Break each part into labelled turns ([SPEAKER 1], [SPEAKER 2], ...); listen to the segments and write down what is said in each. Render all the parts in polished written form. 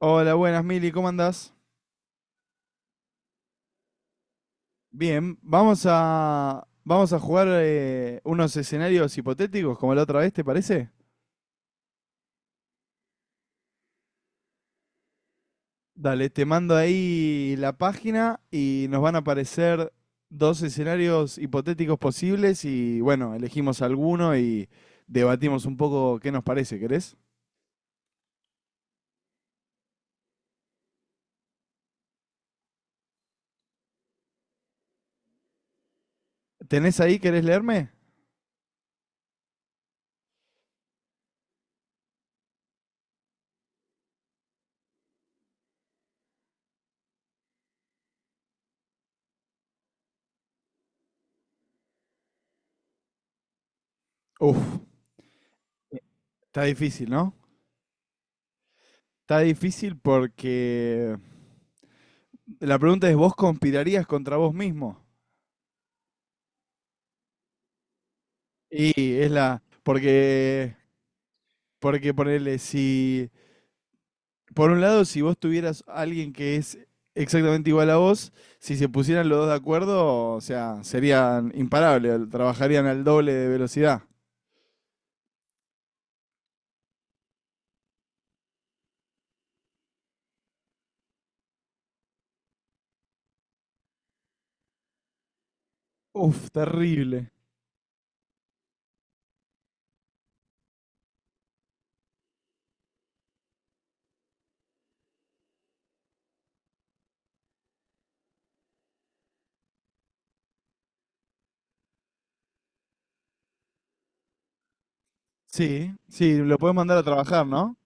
[SPEAKER 1] Hola, buenas, Mili, ¿cómo andás? Bien, vamos a jugar unos escenarios hipotéticos como la otra vez, ¿te parece? Dale, te mando ahí la página y nos van a aparecer dos escenarios hipotéticos posibles y bueno, elegimos alguno y debatimos un poco qué nos parece, ¿querés? ¿Tenés ahí? ¿Querés leerme? Uf, está difícil, ¿no? Está difícil porque la pregunta es, ¿vos conspirarías contra vos mismo? Y es la. Porque. Porque ponerle, si. Por un lado, si vos tuvieras a alguien que es exactamente igual a vos, si se pusieran los dos de acuerdo, o sea, serían imparables, trabajarían al doble de velocidad. Uf, terrible. Sí, sí, lo podés mandar a trabajar, ¿no?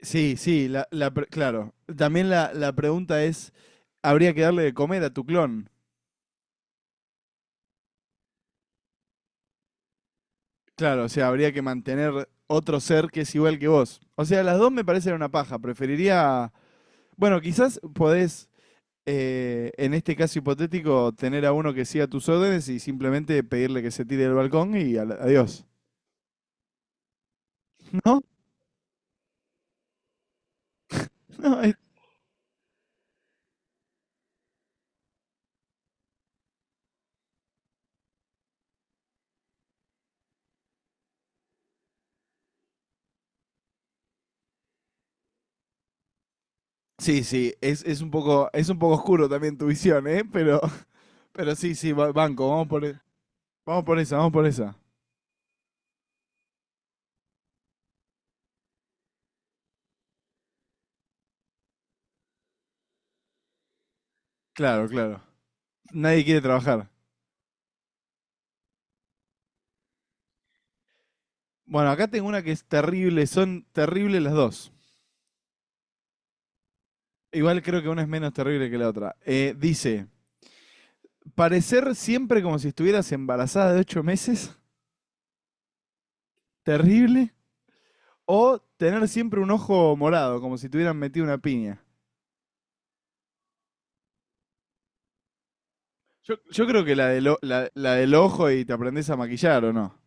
[SPEAKER 1] Sí, sí, claro. También la pregunta es, ¿habría que darle de comer a tu clon? Claro, o sea, habría que mantener otro ser que es igual que vos. O sea, las dos me parecen una paja. Preferiría. Bueno, quizás podés, en este caso hipotético, tener a uno que siga tus órdenes y simplemente pedirle que se tire del balcón y adiós. ¿No? No, es- Sí, sí, es un poco oscuro también tu visión, ¿eh? Pero, pero sí, sí, banco, vamos por esa, vamos por esa. Claro, claro. Nadie quiere trabajar. Bueno, acá tengo una que es terrible, son terribles las dos. Igual creo que una es menos terrible que la otra. Dice, parecer siempre como si estuvieras embarazada de 8 meses, terrible, o tener siempre un ojo morado, como si te hubieran metido una piña. Yo creo que la del ojo y te aprendés a maquillar, ¿o no?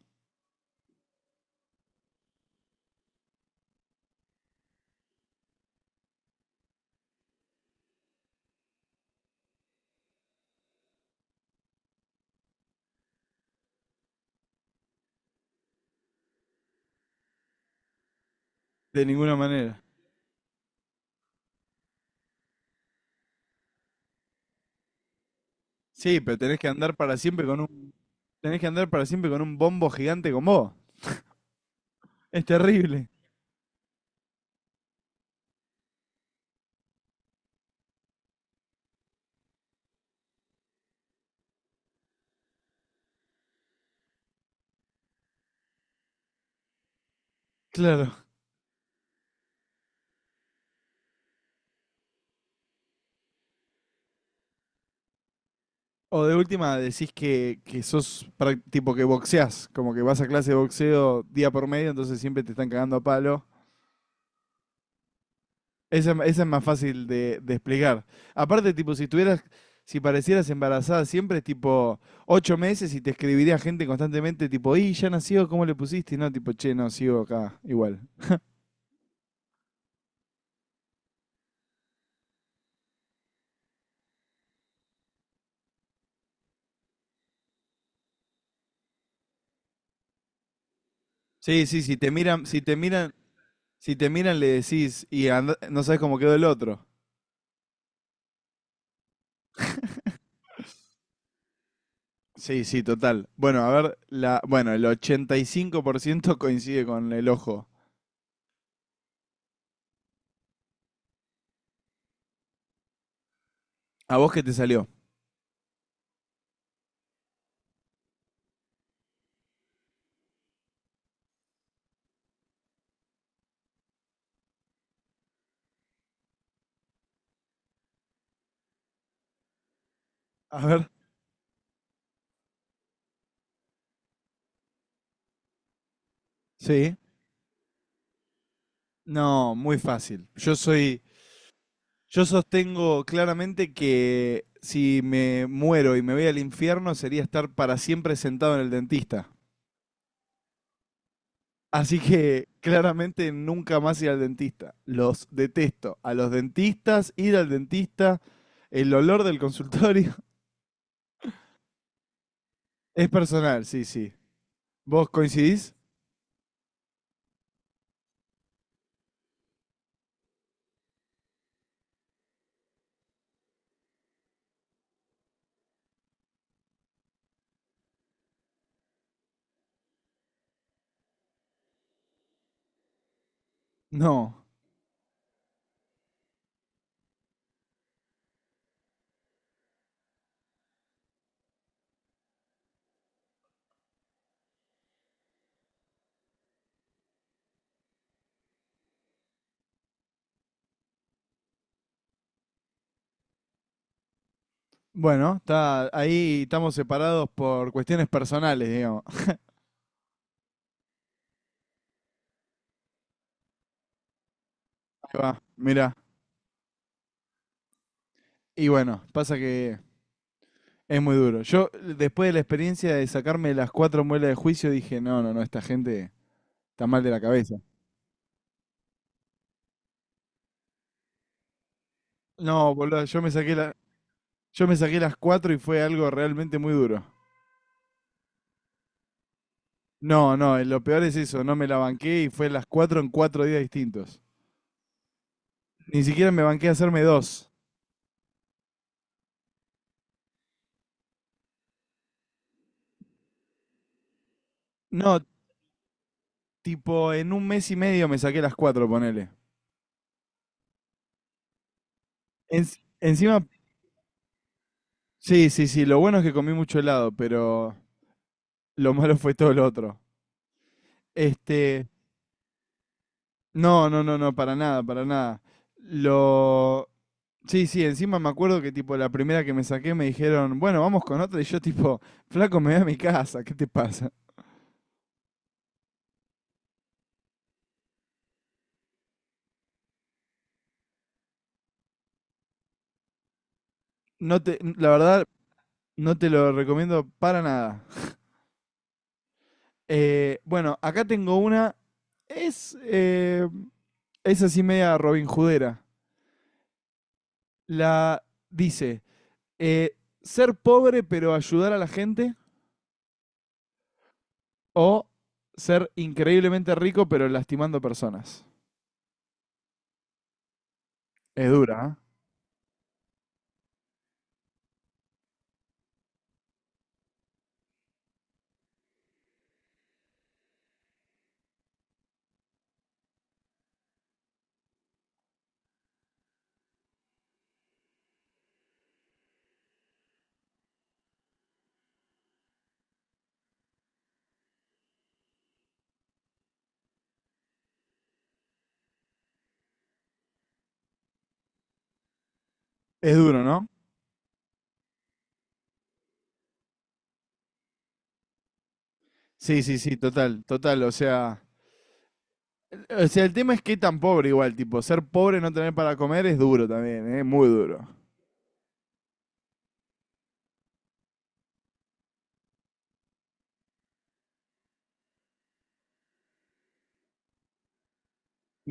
[SPEAKER 1] De ninguna manera. Sí, pero tenés que andar para siempre con un... Tenés que andar para siempre con un bombo gigante con vos. Es terrible. Claro. O de última decís que, tipo que boxeás, como que vas a clase de boxeo día por medio, entonces siempre te están cagando a palo. Esa es más fácil de explicar. Aparte, tipo, si tuvieras, si parecieras embarazada siempre, tipo, 8 meses, y te escribiría gente constantemente, tipo, y ya nació, ¿cómo le pusiste? Y no, tipo, che, no, sigo acá, igual. Sí, sí, si te miran, si te miran, si te miran le decís y no sabes cómo quedó el otro. Sí, sí, total. Bueno, a ver, el 85% coincide con el ojo. ¿A vos qué te salió? A ver. Sí. No, muy fácil. Yo soy. Yo sostengo claramente que si me muero y me voy al infierno sería estar para siempre sentado en el dentista. Así que claramente nunca más ir al dentista. Los detesto. A los dentistas, ir al dentista, el olor del consultorio. Es personal, sí, sí. ¿Vos coincidís? No. Bueno, está, ahí estamos separados por cuestiones personales, digamos. Ahí va, mirá. Y bueno, pasa que es muy duro. Yo, después de la experiencia de sacarme las 4 muelas de juicio, dije, no, no, no, esta gente está mal de la cabeza. No, boludo, yo me saqué las 4 y fue algo realmente muy duro. No, no, lo peor es eso, no me la banqué y fue las 4 en 4 días distintos. Ni siquiera me banqué a hacerme dos. No, tipo, en un mes y medio me saqué las cuatro, ponele. Encima, sí, sí, sí, lo bueno es que comí mucho helado, pero lo malo fue todo lo otro. Este, No, no, no, no, para nada, para nada. Lo... Sí, sí, encima me acuerdo que tipo la primera que me saqué me dijeron, bueno, vamos con otra y yo tipo, flaco, me voy a mi casa, ¿qué te pasa? No te, la verdad, no te lo recomiendo para nada. Bueno, acá tengo una, es, eh, es así media Robin Judera. La dice, eh, ser pobre pero ayudar a la gente o ser increíblemente rico pero lastimando personas. Es dura, ¿eh? Es duro, ¿no? Sí, sí, sí, total, total. O sea, el tema es que tan pobre igual, tipo, ser pobre, y no tener para comer es duro también, es muy duro.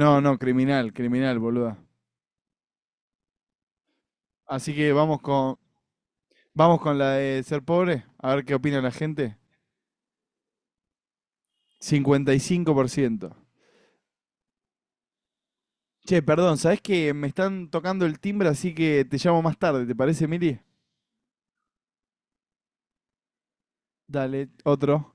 [SPEAKER 1] No, no, criminal, criminal, boluda. Así que vamos con la de ser pobre, a ver qué opina la gente. 55%. Che, perdón, ¿sabés que me están tocando el timbre, así que te llamo más tarde, ¿te parece, Mili? Dale, otro.